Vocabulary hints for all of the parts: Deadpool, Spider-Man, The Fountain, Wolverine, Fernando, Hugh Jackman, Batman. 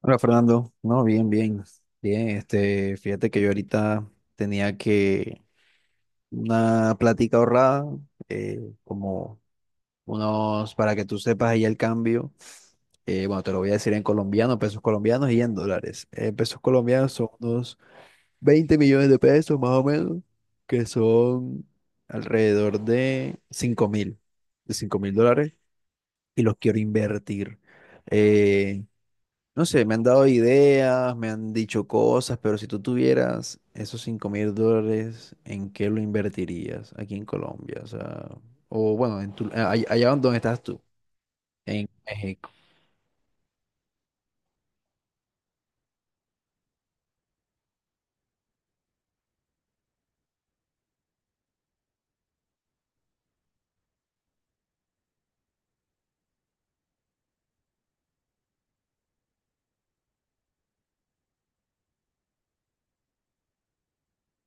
Hola Fernando, no, bien, bien, bien, fíjate que yo ahorita tenía que una plática ahorrada, como unos, para que tú sepas ahí el cambio, bueno, te lo voy a decir en colombiano, pesos colombianos y en dólares. Pesos colombianos son unos 20 millones de pesos más o menos, que son alrededor de 5 mil dólares, y los quiero invertir. Eh, no sé, me han dado ideas, me han dicho cosas, pero si tú tuvieras esos 5 mil dólares, ¿en qué lo invertirías aquí en Colombia? O sea, o bueno, allá donde estás tú, en México.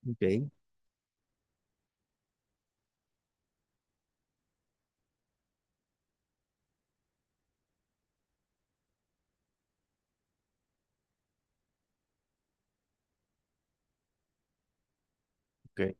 Ok, ok.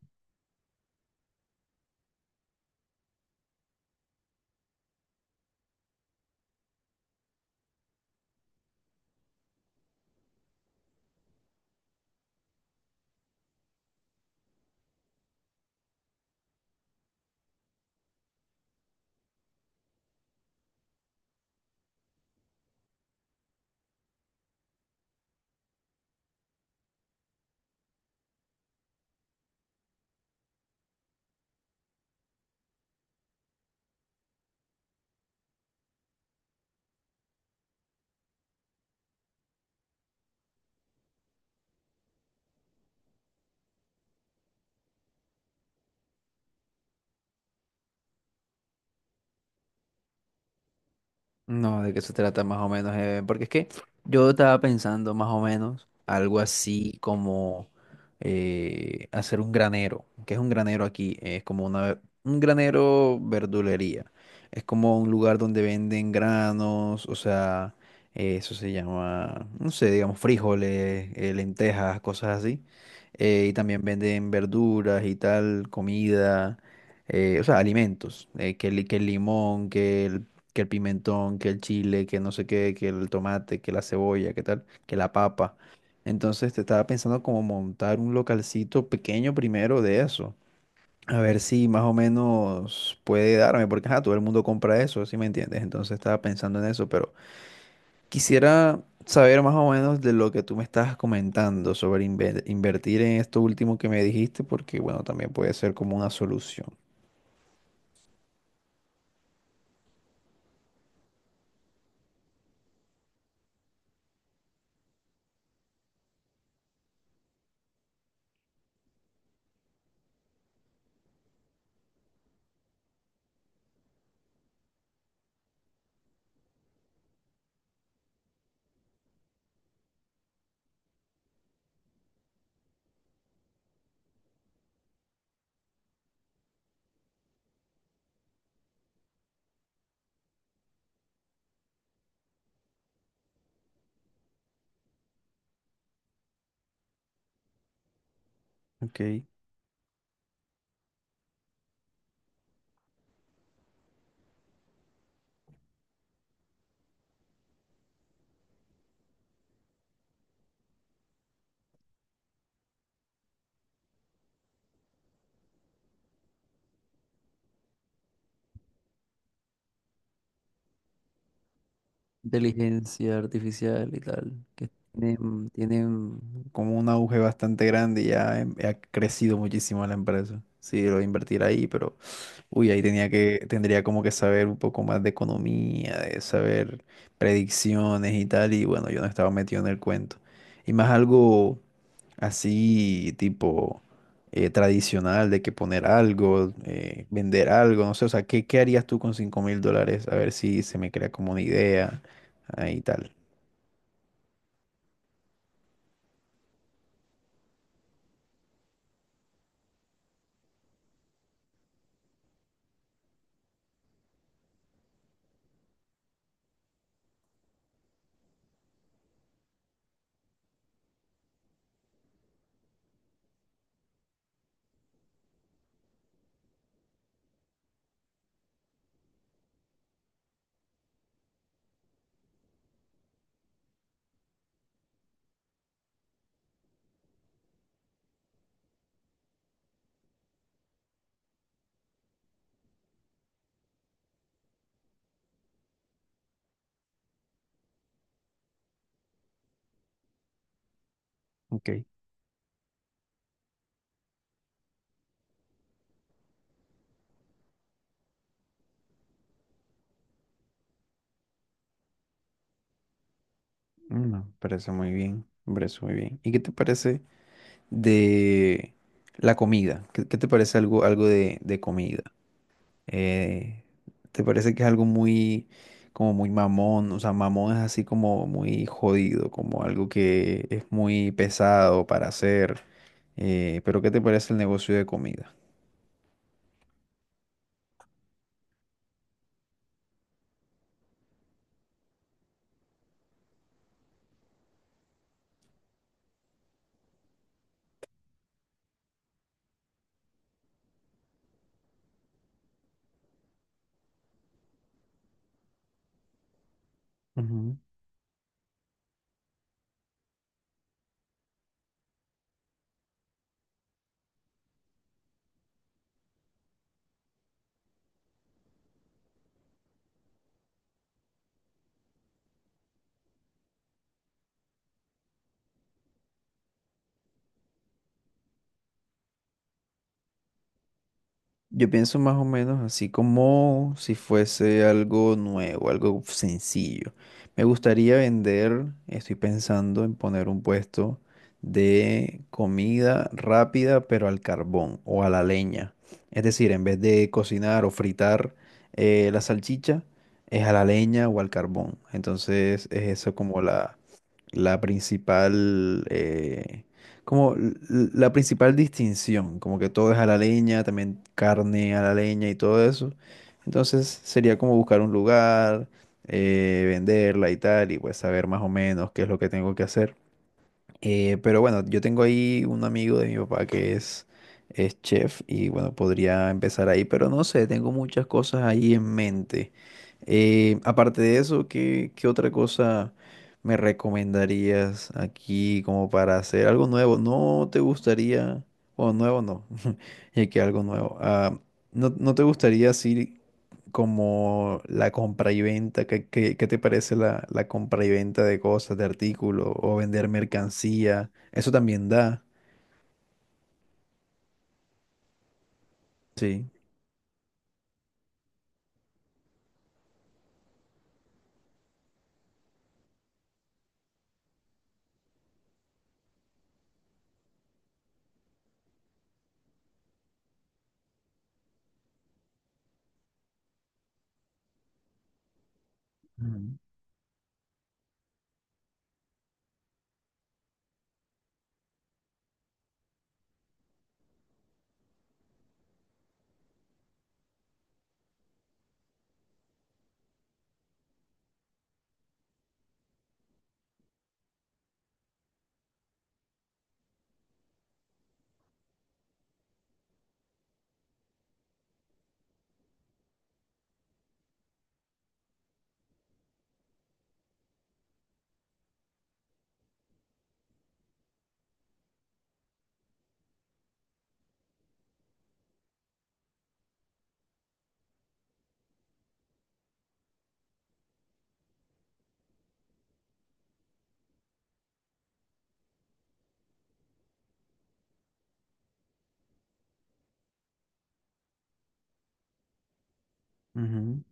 No, de qué se trata más o menos, porque es que yo estaba pensando más o menos algo así como hacer un granero. ¿Qué es un granero aquí? Es como un granero verdulería. Es como un lugar donde venden granos, o sea, eso se llama, no sé, digamos, frijoles, lentejas, cosas así. Y también venden verduras y tal, comida o sea, alimentos, que el limón, que el pimentón, que el chile, que no sé qué, que el tomate, que la cebolla, que tal, que la papa. Entonces te estaba pensando como montar un localcito pequeño primero de eso. A ver si más o menos puede darme, porque ajá, todo el mundo compra eso, ¿sí me entiendes? Entonces estaba pensando en eso, pero quisiera saber más o menos de lo que tú me estabas comentando sobre invertir en esto último que me dijiste, porque bueno, también puede ser como una solución. Ok. Inteligencia artificial y tal, tienen como un auge bastante grande y ya ha crecido muchísimo la empresa. Sí, lo voy a invertir ahí, pero uy, tendría como que saber un poco más de economía, de saber predicciones y tal, y bueno, yo no estaba metido en el cuento. Y más algo así tipo tradicional de que poner algo, vender algo, no sé, o sea, ¿qué harías tú con 5 mil dólares? A ver si se me crea como una idea ahí y tal. Ok. Mm, me parece muy bien, me parece muy bien. ¿Y qué te parece de la comida? ¿Qué te parece algo, algo de comida? Eh, ¿Te parece que es algo muy, como muy mamón? O sea, mamón es así como muy jodido, como algo que es muy pesado para hacer. Pero ¿qué te parece el negocio de comida? Yo pienso más o menos así como si fuese algo nuevo, algo sencillo. Me gustaría vender, estoy pensando en poner un puesto de comida rápida, pero al carbón o a la leña. Es decir, en vez de cocinar o fritar la salchicha, es a la leña o al carbón. Entonces es eso como la principal, como l- la principal distinción, como que todo es a la leña, también carne a la leña y todo eso. Entonces sería como buscar un lugar, venderla y tal, y pues saber más o menos qué es lo que tengo que hacer. Pero bueno, yo tengo ahí un amigo de mi papá es chef y bueno, podría empezar ahí, pero no sé, tengo muchas cosas ahí en mente. Aparte de eso, ¿qué otra cosa me recomendarías aquí como para hacer algo nuevo? ¿No te gustaría, o nuevo no, ya que algo nuevo, ah, ¿no, no te gustaría así? Como la compra y venta, ¿qué te parece la compra y venta de cosas, de artículos o vender mercancía? Eso también da. Sí. Ujú, ujú.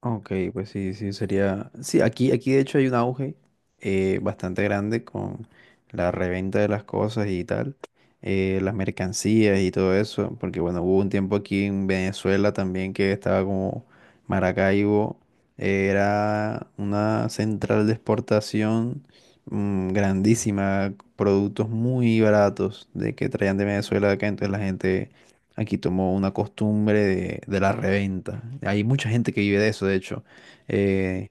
Ok, sería... Sí, aquí de hecho hay un auge bastante grande con la reventa de las cosas y tal, las mercancías y todo eso, porque bueno, hubo un tiempo aquí en Venezuela también que estaba como Maracaibo, era una central de exportación mm, grandísima, productos muy baratos de que traían de Venezuela acá, entonces la gente aquí tomó una costumbre de la reventa. Hay mucha gente que vive de eso, de hecho, eh,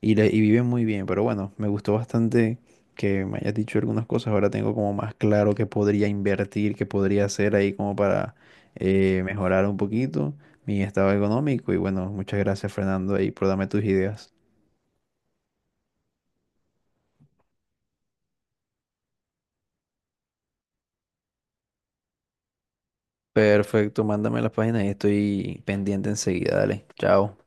y viven muy bien, pero bueno, me gustó bastante que me hayas dicho algunas cosas. Ahora tengo como más claro qué podría invertir, qué podría hacer ahí como para mejorar un poquito mi estado económico. Y bueno, muchas gracias, Fernando, ahí por darme tus ideas. Perfecto, mándame las páginas y estoy pendiente enseguida. Dale, chao.